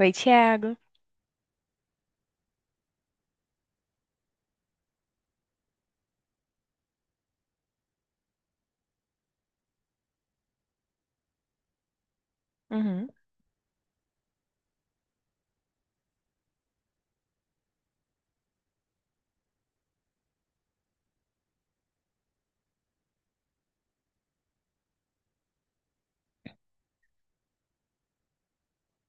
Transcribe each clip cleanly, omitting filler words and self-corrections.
Oi, Thiago. Uhum.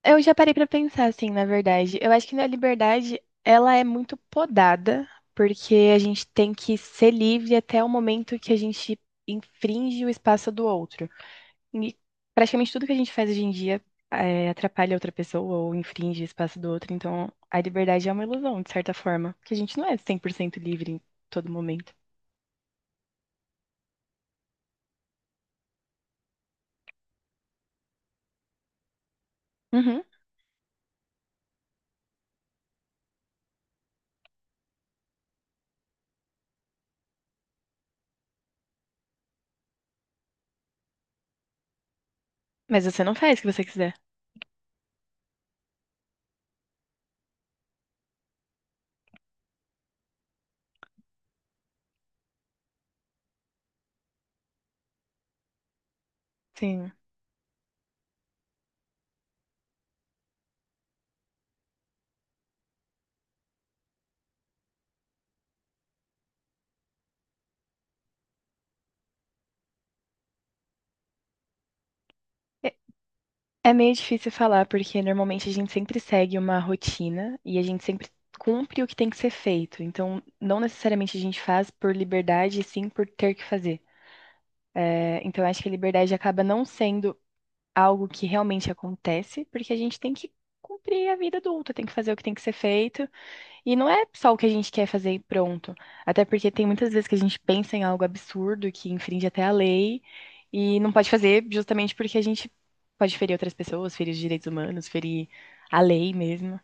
Eu já parei pra pensar assim, na verdade. Eu acho que a liberdade, ela é muito podada, porque a gente tem que ser livre até o momento que a gente infringe o espaço do outro. E praticamente tudo que a gente faz hoje em dia atrapalha outra pessoa ou infringe o espaço do outro. Então, a liberdade é uma ilusão, de certa forma, porque a gente não é 100% livre em todo momento. Uhum. Mas você não faz o que você quiser. Sim. É meio difícil falar, porque normalmente a gente sempre segue uma rotina e a gente sempre cumpre o que tem que ser feito. Então, não necessariamente a gente faz por liberdade, e sim por ter que fazer. É, então, acho que a liberdade acaba não sendo algo que realmente acontece, porque a gente tem que cumprir a vida adulta, tem que fazer o que tem que ser feito e não é só o que a gente quer fazer e pronto. Até porque tem muitas vezes que a gente pensa em algo absurdo que infringe até a lei e não pode fazer justamente porque a gente pode ferir outras pessoas, ferir os direitos humanos, ferir a lei mesmo.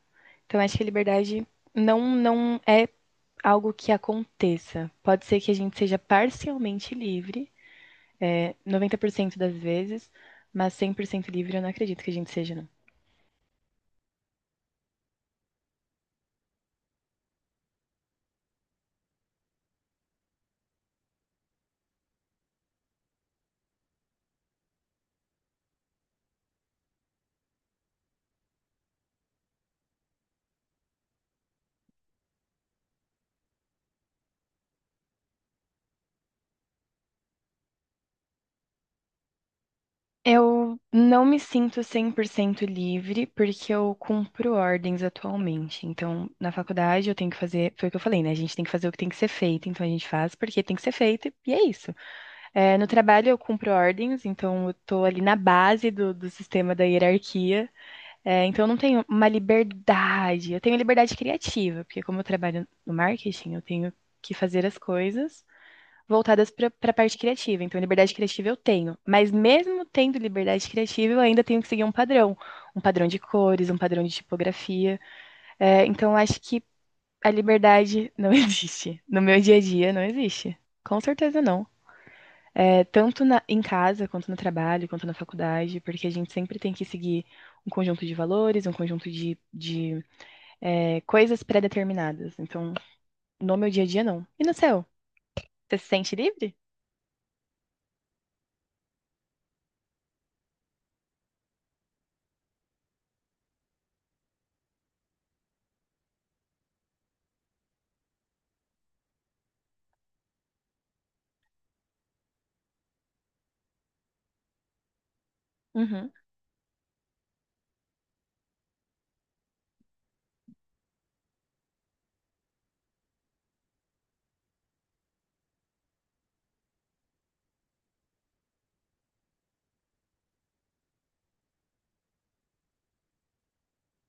Então acho que a liberdade não é algo que aconteça. Pode ser que a gente seja parcialmente livre, 90% das vezes, mas 100% livre eu não acredito que a gente seja, não. Eu não me sinto 100% livre porque eu cumpro ordens atualmente. Então, na faculdade eu tenho que fazer, foi o que eu falei, né? A gente tem que fazer o que tem que ser feito, então a gente faz porque tem que ser feito e é isso. É, no trabalho eu cumpro ordens, então eu tô ali na base do, do sistema da hierarquia. É, então eu não tenho uma liberdade, eu tenho liberdade criativa, porque como eu trabalho no marketing, eu tenho que fazer as coisas voltadas para a parte criativa. Então, liberdade criativa eu tenho, mas mesmo tendo liberdade criativa, eu ainda tenho que seguir um padrão de cores, um padrão de tipografia. É, então, eu acho que a liberdade não existe. No meu dia a dia, não existe. Com certeza não. É, tanto na- em casa, quanto no trabalho, quanto na faculdade, porque a gente sempre tem que seguir um conjunto de valores, um conjunto de coisas pré-determinadas. Então, no meu dia a dia, não. E no seu? Você se sente livre? Uhum.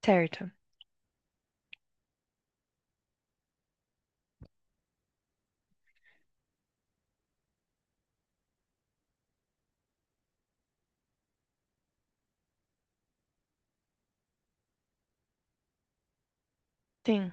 Certo. Sim.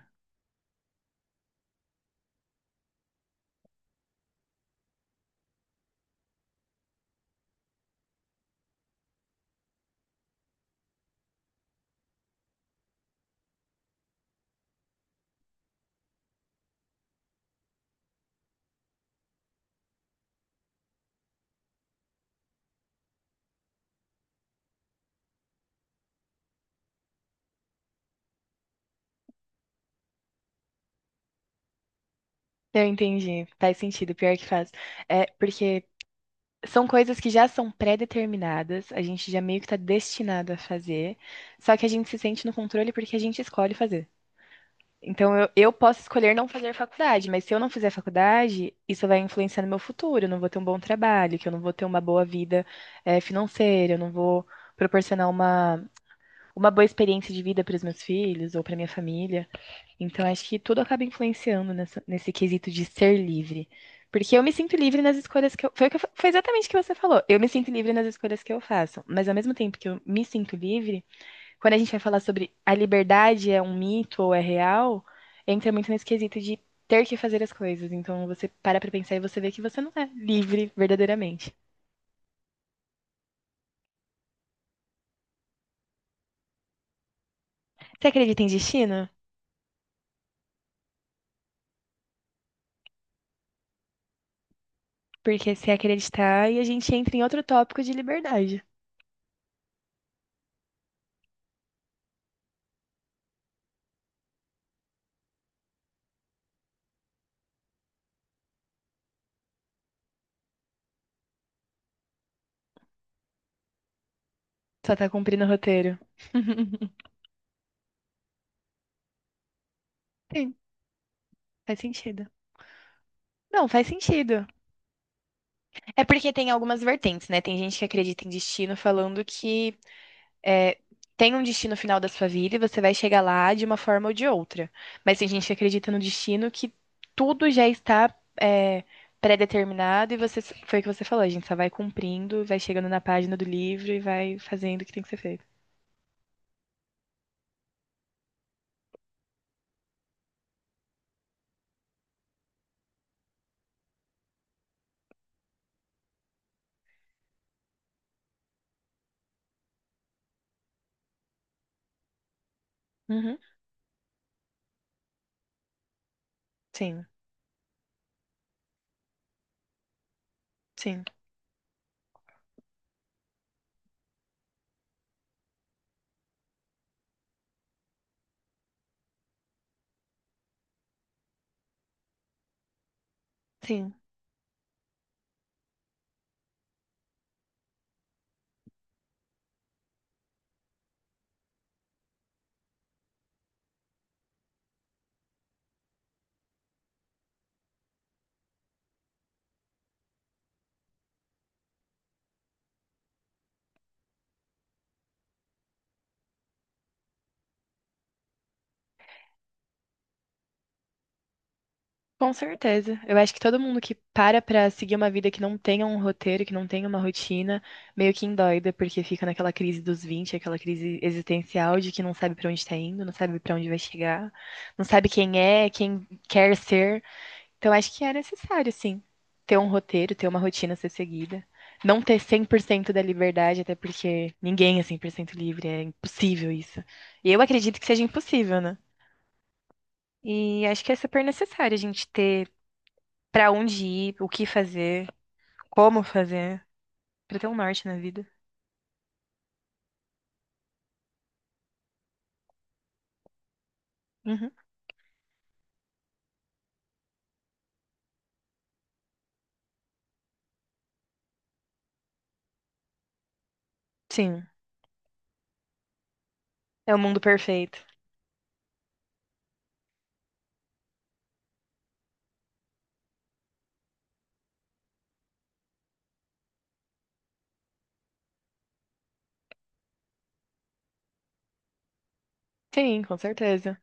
Eu entendi, faz sentido, pior que faz. É, porque são coisas que já são pré-determinadas, a gente já meio que tá destinado a fazer, só que a gente se sente no controle porque a gente escolhe fazer. Então eu posso escolher não fazer faculdade, mas se eu não fizer faculdade, isso vai influenciar no meu futuro, eu não vou ter um bom trabalho, que eu não vou ter uma boa vida, financeira, eu não vou proporcionar uma boa experiência de vida para os meus filhos ou para minha família. Então, acho que tudo acaba influenciando nessa- nesse quesito de ser livre. Porque eu me sinto livre nas escolhas que eu. Foi exatamente o que você falou. Eu me sinto livre nas escolhas que eu faço. Mas ao mesmo tempo que eu me sinto livre, quando a gente vai falar sobre a liberdade é um mito ou é real, entra muito nesse quesito de ter que fazer as coisas. Então você para pra pensar e você vê que você não é livre verdadeiramente. Você acredita em destino? Porque se acreditar, e a gente entra em outro tópico de liberdade. Só tá cumprindo o roteiro. Sim, faz sentido. Não, faz sentido. É porque tem algumas vertentes, né? Tem gente que acredita em destino falando que é, tem um destino final da sua vida e você vai chegar lá de uma forma ou de outra. Mas tem gente que acredita no destino que tudo já está é, pré-determinado e você, foi o que você falou, a gente só vai cumprindo, vai chegando na página do livro e vai fazendo o que tem que ser feito. Uhum. Sim, sim, sim. Com certeza. Eu acho que todo mundo que para pra seguir uma vida que não tenha um roteiro, que não tenha uma rotina, meio que endoida, porque fica naquela crise dos vinte, aquela crise existencial de que não sabe pra onde tá indo, não sabe pra onde vai chegar, não sabe quem é, quem quer ser. Então acho que é necessário, sim, ter um roteiro, ter uma rotina a ser seguida. Não ter 100% da liberdade, até porque ninguém é 100% livre, é impossível isso. E eu acredito que seja impossível, né? E acho que é super necessário a gente ter pra onde ir, o que fazer, como fazer, pra ter um norte na vida. Uhum. Sim, é o mundo perfeito. Sim, com certeza.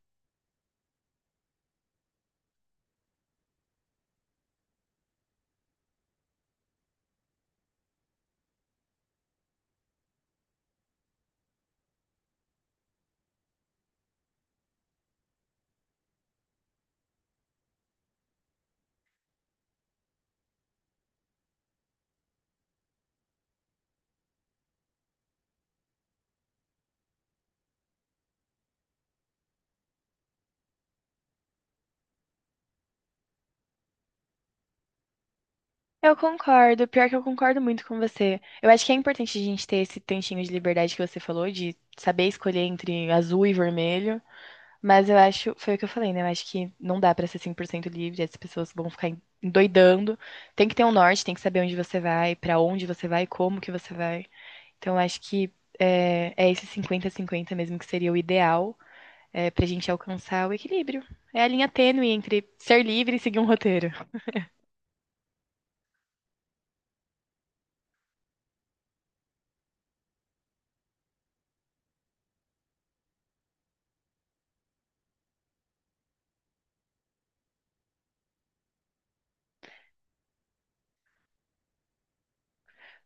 Eu concordo, pior que eu concordo muito com você. Eu acho que é importante a gente ter esse tantinho de liberdade que você falou, de saber escolher entre azul e vermelho. Mas eu acho, foi o que eu falei, né? Eu acho que não dá pra ser 100% livre, as pessoas vão ficar endoidando. Tem que ter um norte, tem que saber onde você vai, pra onde você vai, como que você vai. Então, acho que é esse 50 cinquenta mesmo que seria o ideal para a gente alcançar o equilíbrio. É a linha tênue entre ser livre e seguir um roteiro.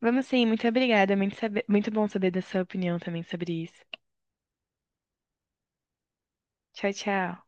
Vamos sim, muito obrigada. Muito bom saber da sua opinião também sobre isso. Tchau, tchau.